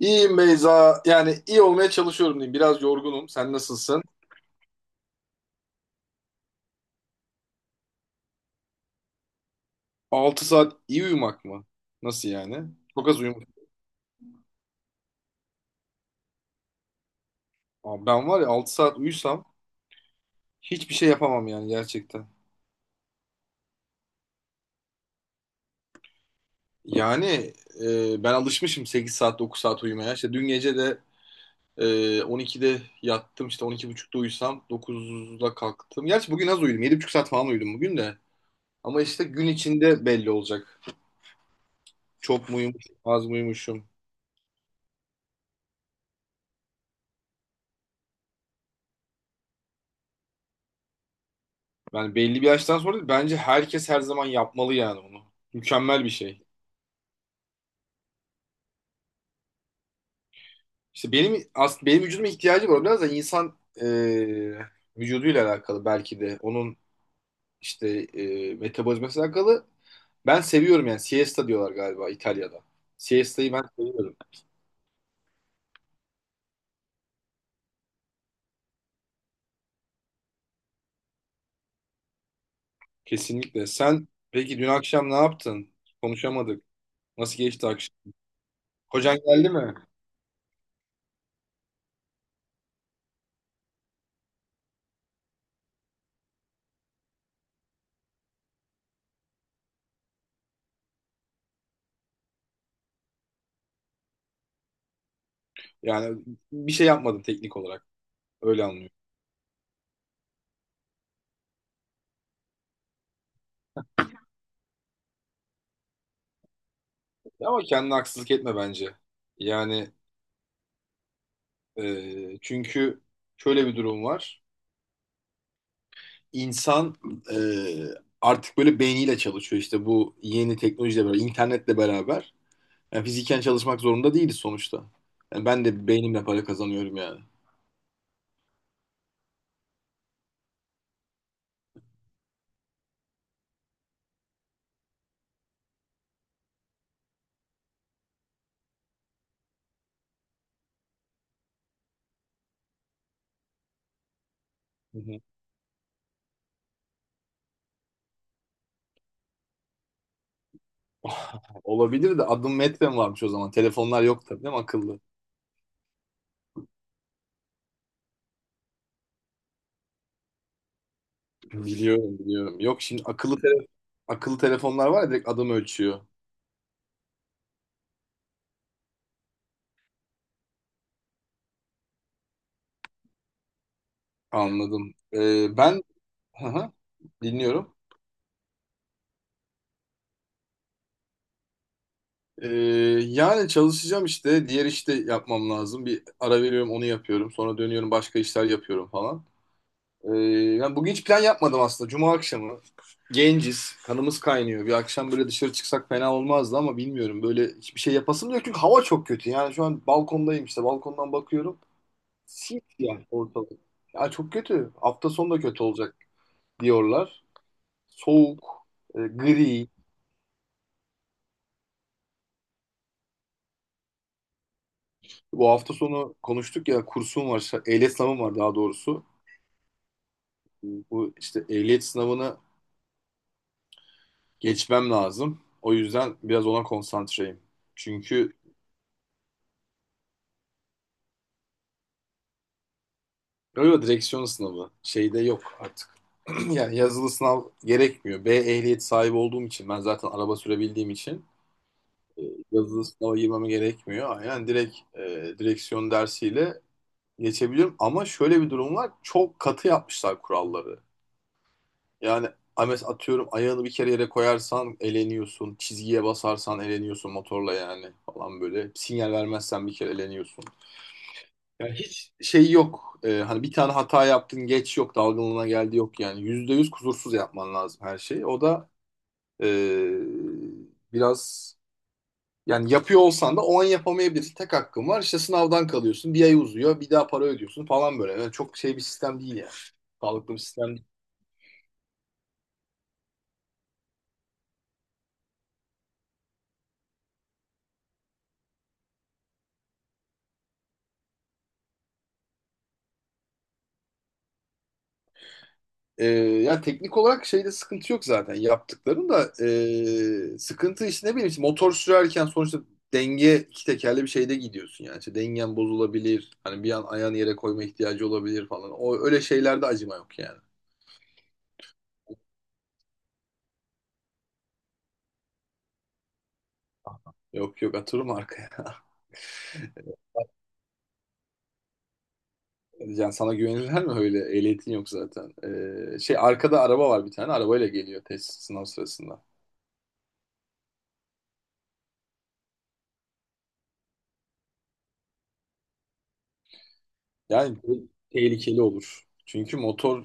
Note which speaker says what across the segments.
Speaker 1: İyiyim Beyza. Yani iyi olmaya çalışıyorum diyeyim. Biraz yorgunum. Sen nasılsın? 6 saat iyi uyumak mı? Nasıl yani? Çok az uyumuşum. Abi ben var ya 6 saat uyusam hiçbir şey yapamam yani gerçekten. Yani ben alışmışım 8 saat 9 saat uyumaya. İşte dün gece de e, 12'de yattım, işte 12.30'da uyusam 9'da kalktım. Gerçi bugün az uyudum. 7,5 saat falan uyudum bugün de. Ama işte gün içinde belli olacak. Çok mu uyumuşum, az mı uyumuşum? Yani belli bir yaştan sonra bence herkes her zaman yapmalı yani onu. Mükemmel bir şey. İşte benim aslında benim vücuduma ihtiyacı var. Biraz da insan vücuduyla alakalı belki de. Onun işte metabolizmasıyla alakalı. Ben seviyorum yani. Siesta diyorlar galiba İtalya'da. Siesta'yı ben seviyorum. Kesinlikle. Sen peki dün akşam ne yaptın? Konuşamadık. Nasıl geçti akşam? Kocan geldi mi? Yani bir şey yapmadın teknik olarak. Öyle anlıyorum. Ama kendine haksızlık etme bence. Yani, çünkü şöyle bir durum var. İnsan e, artık böyle beyniyle çalışıyor, işte bu yeni teknolojiyle beraber, internetle beraber. Yani fiziken çalışmak zorunda değiliz sonuçta. Yani ben de beynimle para kazanıyorum yani. Hı hı. Olabilir de, adım metrem varmış o zaman. Telefonlar yok tabii, değil mi, akıllı? Biliyorum, biliyorum. Yok, şimdi akıllı telefonlar var ya, direkt adım ölçüyor. Anladım. Ben Aha, dinliyorum. Ee, Yani çalışacağım işte. Diğer işte yapmam lazım. Bir ara veriyorum, onu yapıyorum. Sonra dönüyorum, başka işler yapıyorum falan. Ee, Yani bugün hiç plan yapmadım aslında. Cuma akşamı. Genciz. Kanımız kaynıyor. Bir akşam böyle dışarı çıksak fena olmazdı ama bilmiyorum. Böyle hiçbir şey yapasım da yok. Çünkü hava çok kötü. Yani şu an balkondayım işte. Balkondan bakıyorum. Siyah yani ortalık. Ya çok kötü. Hafta sonu da kötü olacak diyorlar. Soğuk, gri. Bu hafta sonu konuştuk ya, kursum var, ehliyet sınavım var daha doğrusu. Bu işte ehliyet sınavını geçmem lazım. O yüzden biraz ona konsantreyim. Çünkü öyle direksiyon sınavı şeyde yok artık. Yani yazılı sınav gerekmiyor. B ehliyet sahibi olduğum için, ben zaten araba sürebildiğim için e, yazılı sınava girmeme gerekmiyor. Aynen, direkt direksiyon dersiyle geçebiliyorum, ama şöyle bir durum var. Çok katı yapmışlar kuralları. Yani Ames, atıyorum, ayağını bir kere yere koyarsan eleniyorsun. Çizgiye basarsan eleniyorsun motorla yani, falan böyle. Sinyal vermezsen bir kere eleniyorsun. Yani hiç şey yok. Hani bir tane hata yaptın, geç yok. Dalgınlığına geldi yok yani. %100 kusursuz yapman lazım her şeyi. O da ee, biraz, yani yapıyor olsan da o an yapamayabilirsin. Tek hakkın var. İşte sınavdan kalıyorsun. Bir ay uzuyor. Bir daha para ödüyorsun falan böyle. Yani çok şey bir sistem değil yani. Sağlıklı bir sistem. Yani teknik olarak şeyde sıkıntı yok zaten, yaptıkların da sıkıntı işte. Ne bileyim, işte motor sürerken sonuçta denge, iki tekerli bir şeyde gidiyorsun yani, işte dengen bozulabilir, hani bir an ayağını yere koyma ihtiyacı olabilir falan. O öyle şeylerde acıma yok yani. Yok, yok, atırım arkaya. Yani sana güvenirler mi, öyle ehliyetin yok zaten. Şey, arkada araba var, bir tane arabayla geliyor test sınav sırasında. Yani bu tehlikeli olur. Çünkü motor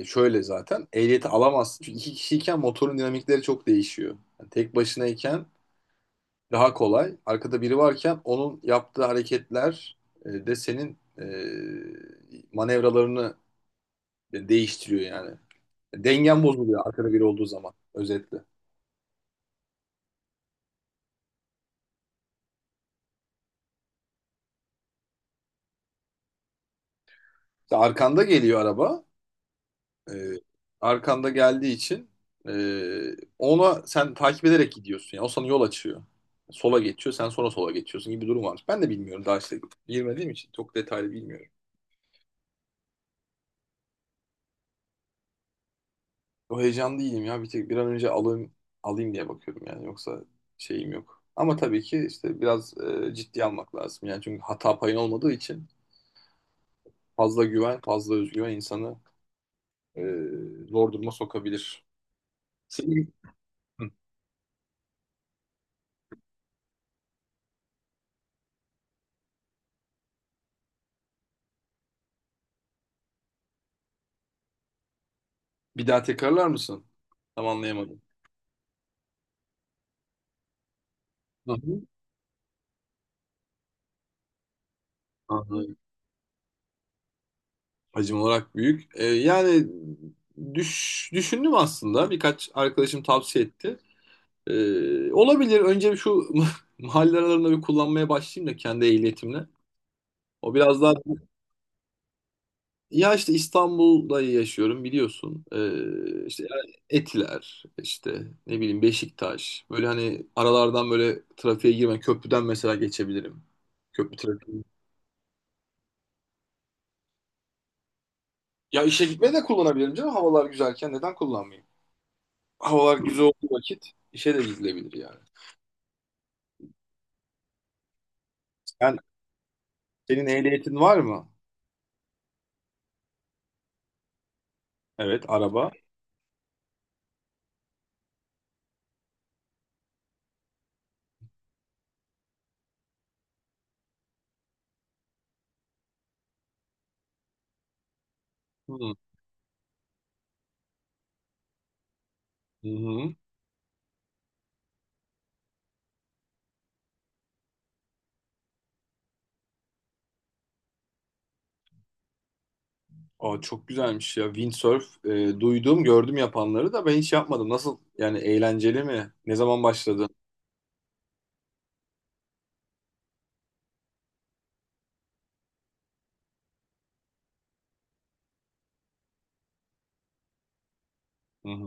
Speaker 1: şöyle, zaten ehliyeti alamaz. Çünkü iki kişiyken motorun dinamikleri çok değişiyor. Yani tek başınayken daha kolay. Arkada biri varken onun yaptığı hareketler de senin manevralarını değiştiriyor yani. Dengen bozuluyor arkada biri olduğu zaman, özetle. İşte arkanda geliyor araba. Ee, Arkanda geldiği için e, ona sen takip ederek gidiyorsun. Yani o sana yol açıyor. Sola geçiyor, sen sonra sola geçiyorsun gibi bir durum varmış. Ben de bilmiyorum daha, işte girmediğim için çok detaylı bilmiyorum. O heyecanlı değilim ya. Bir tek bir an önce alayım diye bakıyorum yani, yoksa şeyim yok. Ama tabii ki işte biraz ciddi almak lazım. Yani çünkü hata payın olmadığı için fazla güven, fazla özgüven insanı e, zor duruma sokabilir. Senin Hı. Bir daha tekrarlar mısın? Tam anlayamadım. Hı hı. Anladım. Hacim olarak büyük. Yani düşündüm aslında. Birkaç arkadaşım tavsiye etti. Olabilir. Önce bir şu mahalle aralarında bir kullanmaya başlayayım da kendi ehliyetimle. O biraz daha, ya işte İstanbul'da yaşıyorum biliyorsun. İşte yani Etiler, işte ne bileyim Beşiktaş. Böyle, hani aralardan böyle trafiğe girme. Köprüden mesela geçebilirim. Köprü trafiği. Ya işe gitmeye de kullanabilirim canım. Havalar güzelken neden kullanmayayım? Havalar güzel olduğu vakit işe de gidilebilir yani. Yani senin ehliyetin var mı? Evet, araba. Hı hı. Hı. Aa, çok güzelmiş ya. Windsurf, duydum, gördüm yapanları da, ben hiç yapmadım. Nasıl? Yani eğlenceli mi? Ne zaman başladı? Hı hı.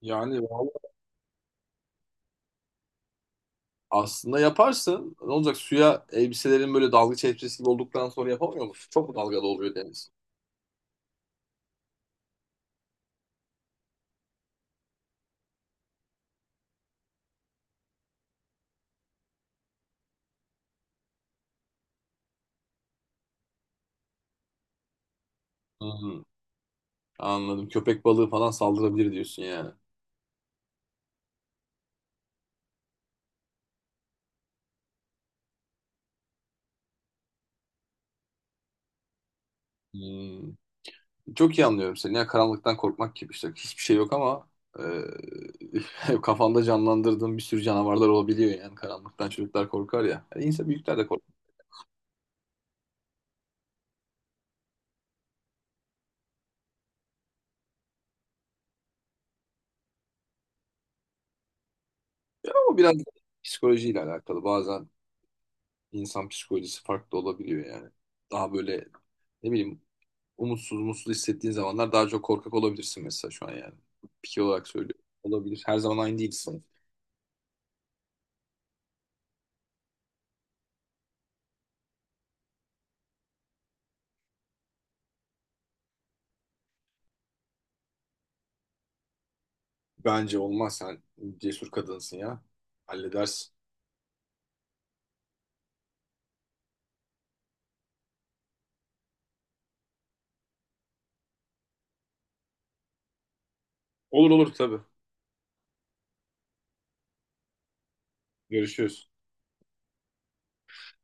Speaker 1: Yani vallahi aslında yaparsın. Ne olacak? Suya, elbiselerin böyle dalgıç elbisesi gibi olduktan sonra yapamıyor musun? Çok mu dalgalı oluyor deniz? Hı hı. Anladım. Köpek balığı falan saldırabilir diyorsun yani. Hı. Çok iyi anlıyorum seni. Ya karanlıktan korkmak gibi işte. Hiçbir şey yok, ama kafanda canlandırdığın bir sürü canavarlar olabiliyor yani. Karanlıktan çocuklar korkar ya. Yani insan, büyükler de korkar, ama biraz psikolojiyle alakalı. Bazen insan psikolojisi farklı olabiliyor yani. Daha böyle, ne bileyim, umutsuz, mutsuz hissettiğin zamanlar daha çok korkak olabilirsin mesela şu an yani. Piki olarak söylüyorum. Olabilir. Her zaman aynı değilsin. Bence olmaz. Sen cesur kadınsın ya. Halledersin. Olur, olur tabii. Görüşürüz.